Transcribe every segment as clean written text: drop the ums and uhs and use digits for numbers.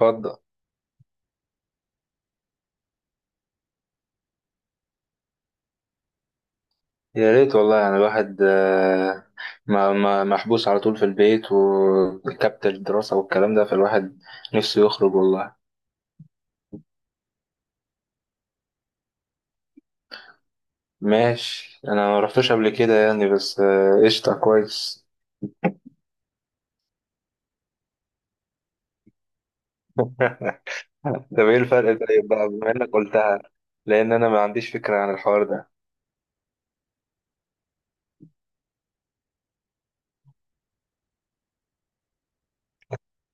اتفضل. يا ريت والله، يعني الواحد ما محبوس على طول في البيت، وكبت الدراسة والكلام ده، فالواحد نفسه يخرج والله. ماشي، انا ما رحتش قبل كده يعني، بس قشطة كويس. طب ايه الفرق طيب بقى، بما انك قلتها، لان انا ما عنديش فكرة عن الحوار ده.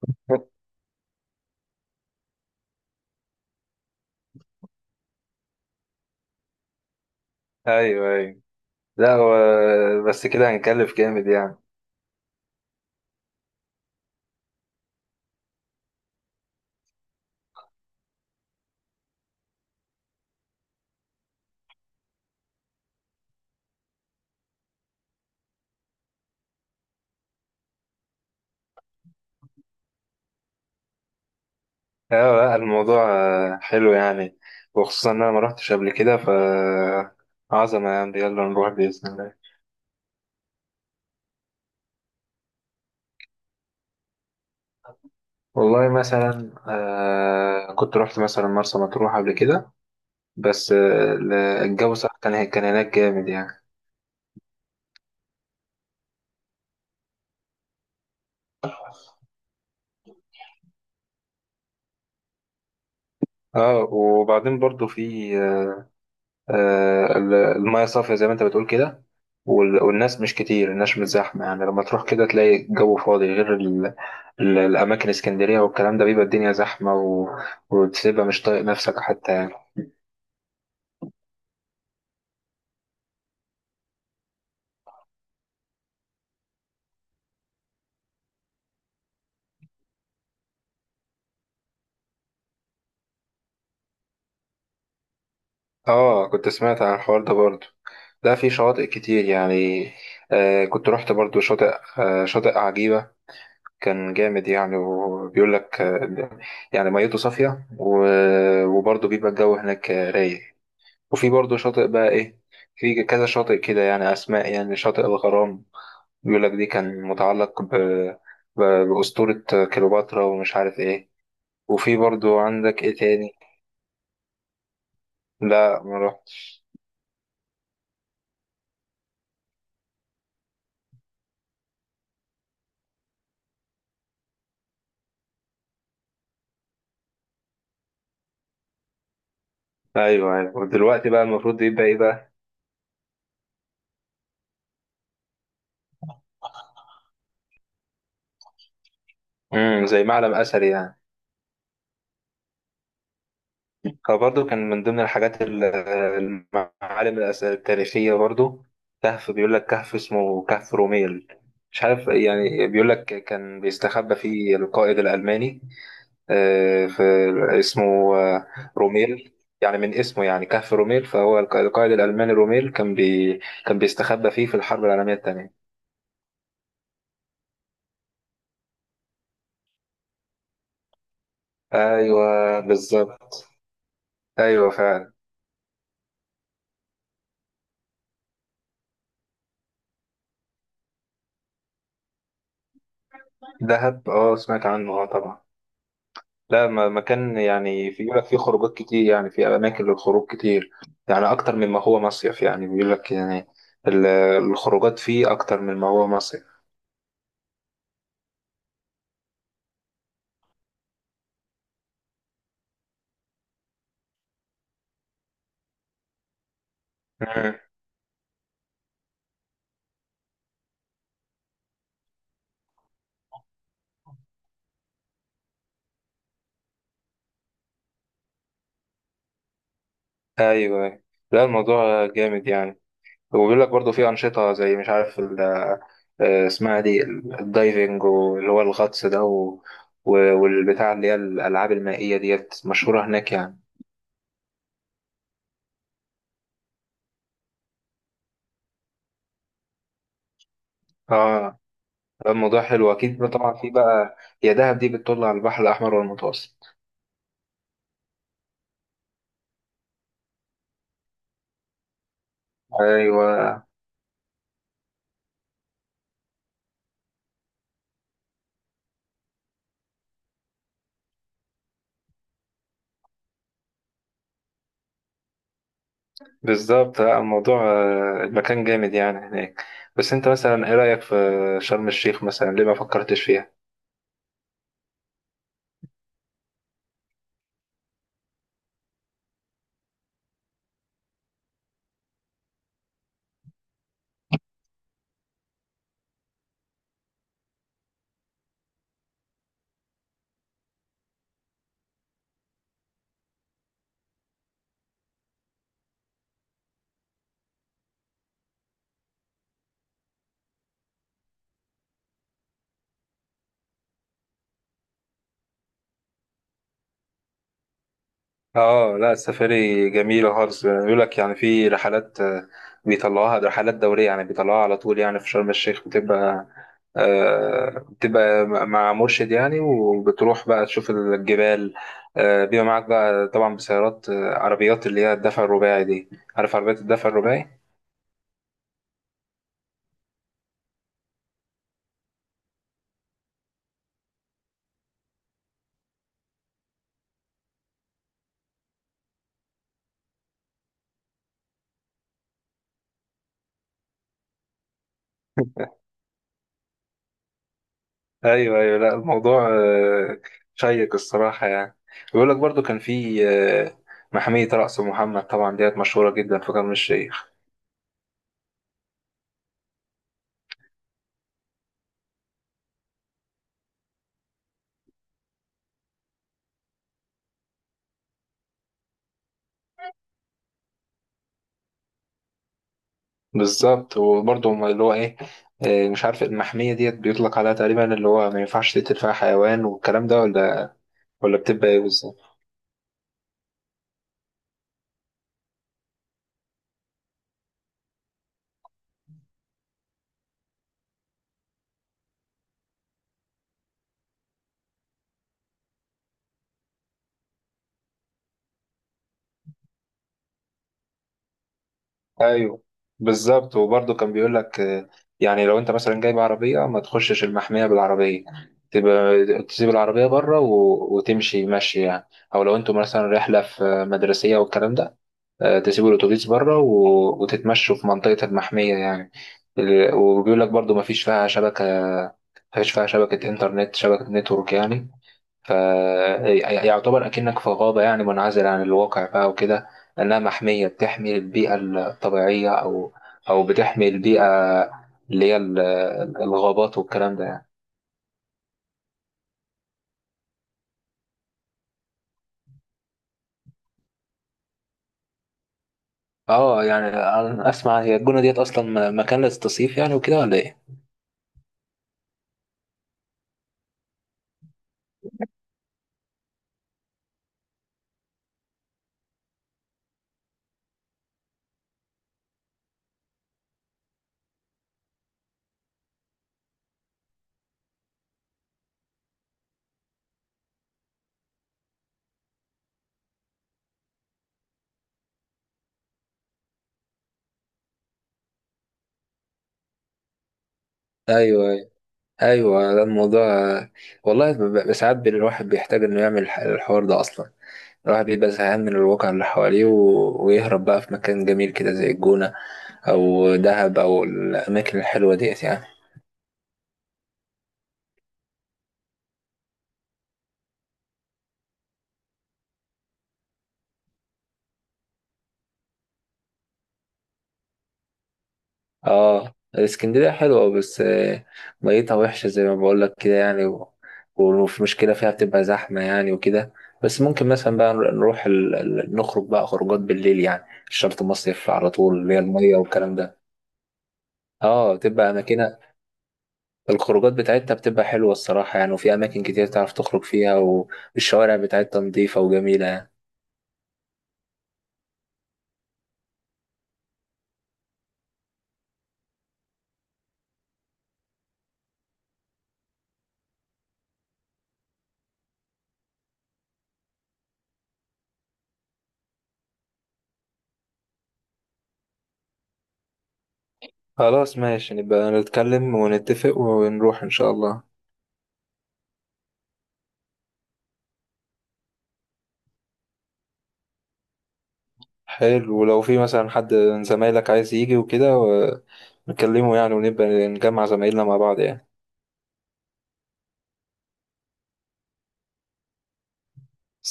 ايوه، ايوه. لا هو بس كده هنكلف جامد يعني. اه، لا الموضوع حلو يعني، وخصوصا ان انا ما رحتش قبل كده، ف عظمة يعني. يلا نروح بإذن الله. والله مثلا، كنت رحت مثلا مرسى مطروح قبل كده، بس الجو صح، كان هناك جامد يعني. اه، وبعدين برضو في المية صافية زي ما انت بتقول كده. والناس مش كتير، الناس مش زحمة يعني. لما تروح كده تلاقي الجو فاضي، غير الأماكن، اسكندرية والكلام ده بيبقى الدنيا زحمة، و... وتبقى مش طايق نفسك حتى يعني. اه، كنت سمعت عن الحوار ده برضو. ده في شواطئ كتير يعني، آه كنت رحت برضو شاطئ عجيبة. كان جامد يعني، وبيقول لك يعني ميته صافية، و... وبرضه بيبقى الجو هناك رايق. وفي برضه شاطئ بقى ايه، في كذا شاطئ كده يعني، اسماء يعني شاطئ الغرام. بيقول لك دي كان متعلق بأسطورة كليوباترا، ومش عارف ايه. وفي برضه عندك ايه تاني؟ لا ما رحت. ايوه، ايوه، ودلوقتي بقى المفروض يبقى ايه بقى؟ زي معلم اثري يعني. هو برضه كان من ضمن الحاجات المعالم التاريخية برضه. كهف، بيقول لك كهف اسمه كهف روميل. مش عارف، يعني بيقول لك كان بيستخبى فيه القائد الألماني. في اسمه آه، روميل. يعني من اسمه يعني كهف روميل، فهو القائد الألماني روميل كان بيستخبى فيه في الحرب العالمية الثانية. أيوه بالظبط، أيوه فعلا. دهب، أه سمعت عنه، أه طبعا. لا، مكان يعني، في يقول لك فيه خروجات كتير يعني، في أماكن للخروج كتير، يعني أكتر مما هو مصيف، يعني بيقول لك يعني ال- الخروجات فيه أكتر مما هو مصيف. مم. أيوه، لا الموضوع جامد يعني. وبيقول لك برضه في أنشطة، زي مش عارف اسمها دي الدايفنج، واللي هو الغطس ده، والبتاع اللي هي الألعاب المائية ديت، مشهورة هناك يعني. اه، الموضوع حلو أكيد بقى. طبعا في بقى، يا دهب دي بتطل على البحر الأحمر والمتوسط. أيوه بالظبط، الموضوع المكان جامد يعني هناك. بس أنت مثلا إيه رأيك في شرم الشيخ مثلا، ليه ما فكرتش فيها؟ اه، لا السفاري جميلة خالص، بيقول لك يعني في رحلات بيطلعوها، ده رحلات دورية يعني، بيطلعوها على طول يعني. في شرم الشيخ بتبقى بتبقى مع مرشد يعني، وبتروح بقى تشوف الجبال. بيبقى معاك بقى طبعا بسيارات، عربيات اللي هي الدفع الرباعي دي. عارف عربيات الدفع الرباعي؟ ايوه، ايوه. لا الموضوع شيق الصراحه يعني. بيقول لك برضو كان في محمية رأس محمد، طبعا ديت مشهورة جدا في شرم الشيخ. بالظبط، وبرضه هما اللي هو ايه، مش عارف، المحمية ديت بيطلق عليها تقريبا اللي هو ما ينفعش تقتل فيها حيوان والكلام ده، ولا ولا بتبقى ايه بالظبط؟ ايوه بالظبط، وبرضه كان بيقول لك يعني لو انت مثلا جايب عربية، ما تخشش المحمية بالعربية، تبقى تسيب العربية بره، و... وتمشي مشي يعني. او لو انتوا مثلا رحلة في مدرسية والكلام ده، تسيبوا الأتوبيس بره، وتتمشوا في منطقة المحمية يعني. وبيقول لك برضو مفيش فيها شبكة، مفيش فيها شبكة إنترنت، شبكة نتورك يعني. فيعتبر أكنك في غابة يعني، منعزل عن الواقع بقى وكده. لأنها محمية بتحمي البيئة الطبيعية، أو أو بتحمي البيئة اللي هي الغابات والكلام ده يعني. اه، يعني أنا أسمع، هي الجونة ديت أصلا مكان للتصيف يعني وكده، ولا إيه؟ أيوه، ايوه، ده الموضوع والله. ساعات الواحد بيحتاج انه يعمل الحوار ده اصلا. الواحد بيبقى زهقان من الواقع اللي حواليه، ويهرب بقى في مكان جميل كده زي الجونة، او دهب، او الاماكن الحلوة ديت يعني. اه، اسكندرية حلوة بس ميتها وحشة زي ما بقول لك كده يعني، و- وفي مشكلة فيها بتبقى زحمة يعني وكده. بس ممكن مثلا بقى نروح نخرج بقى خروجات بالليل يعني، مش شرط مصيف على طول اللي هي المية والكلام ده. اه، تبقى اماكنها، الخروجات بتاعتها بتبقى حلوة الصراحة يعني، وفي أماكن كتير تعرف تخرج فيها، والشوارع بتاعتها نضيفة وجميلة يعني. خلاص ماشي، نبقى نتكلم ونتفق ونروح إن شاء الله. حلو، ولو في مثلا حد من زمايلك عايز يجي وكده، نكلمه يعني، ونبقى نجمع زمايلنا مع بعض يعني.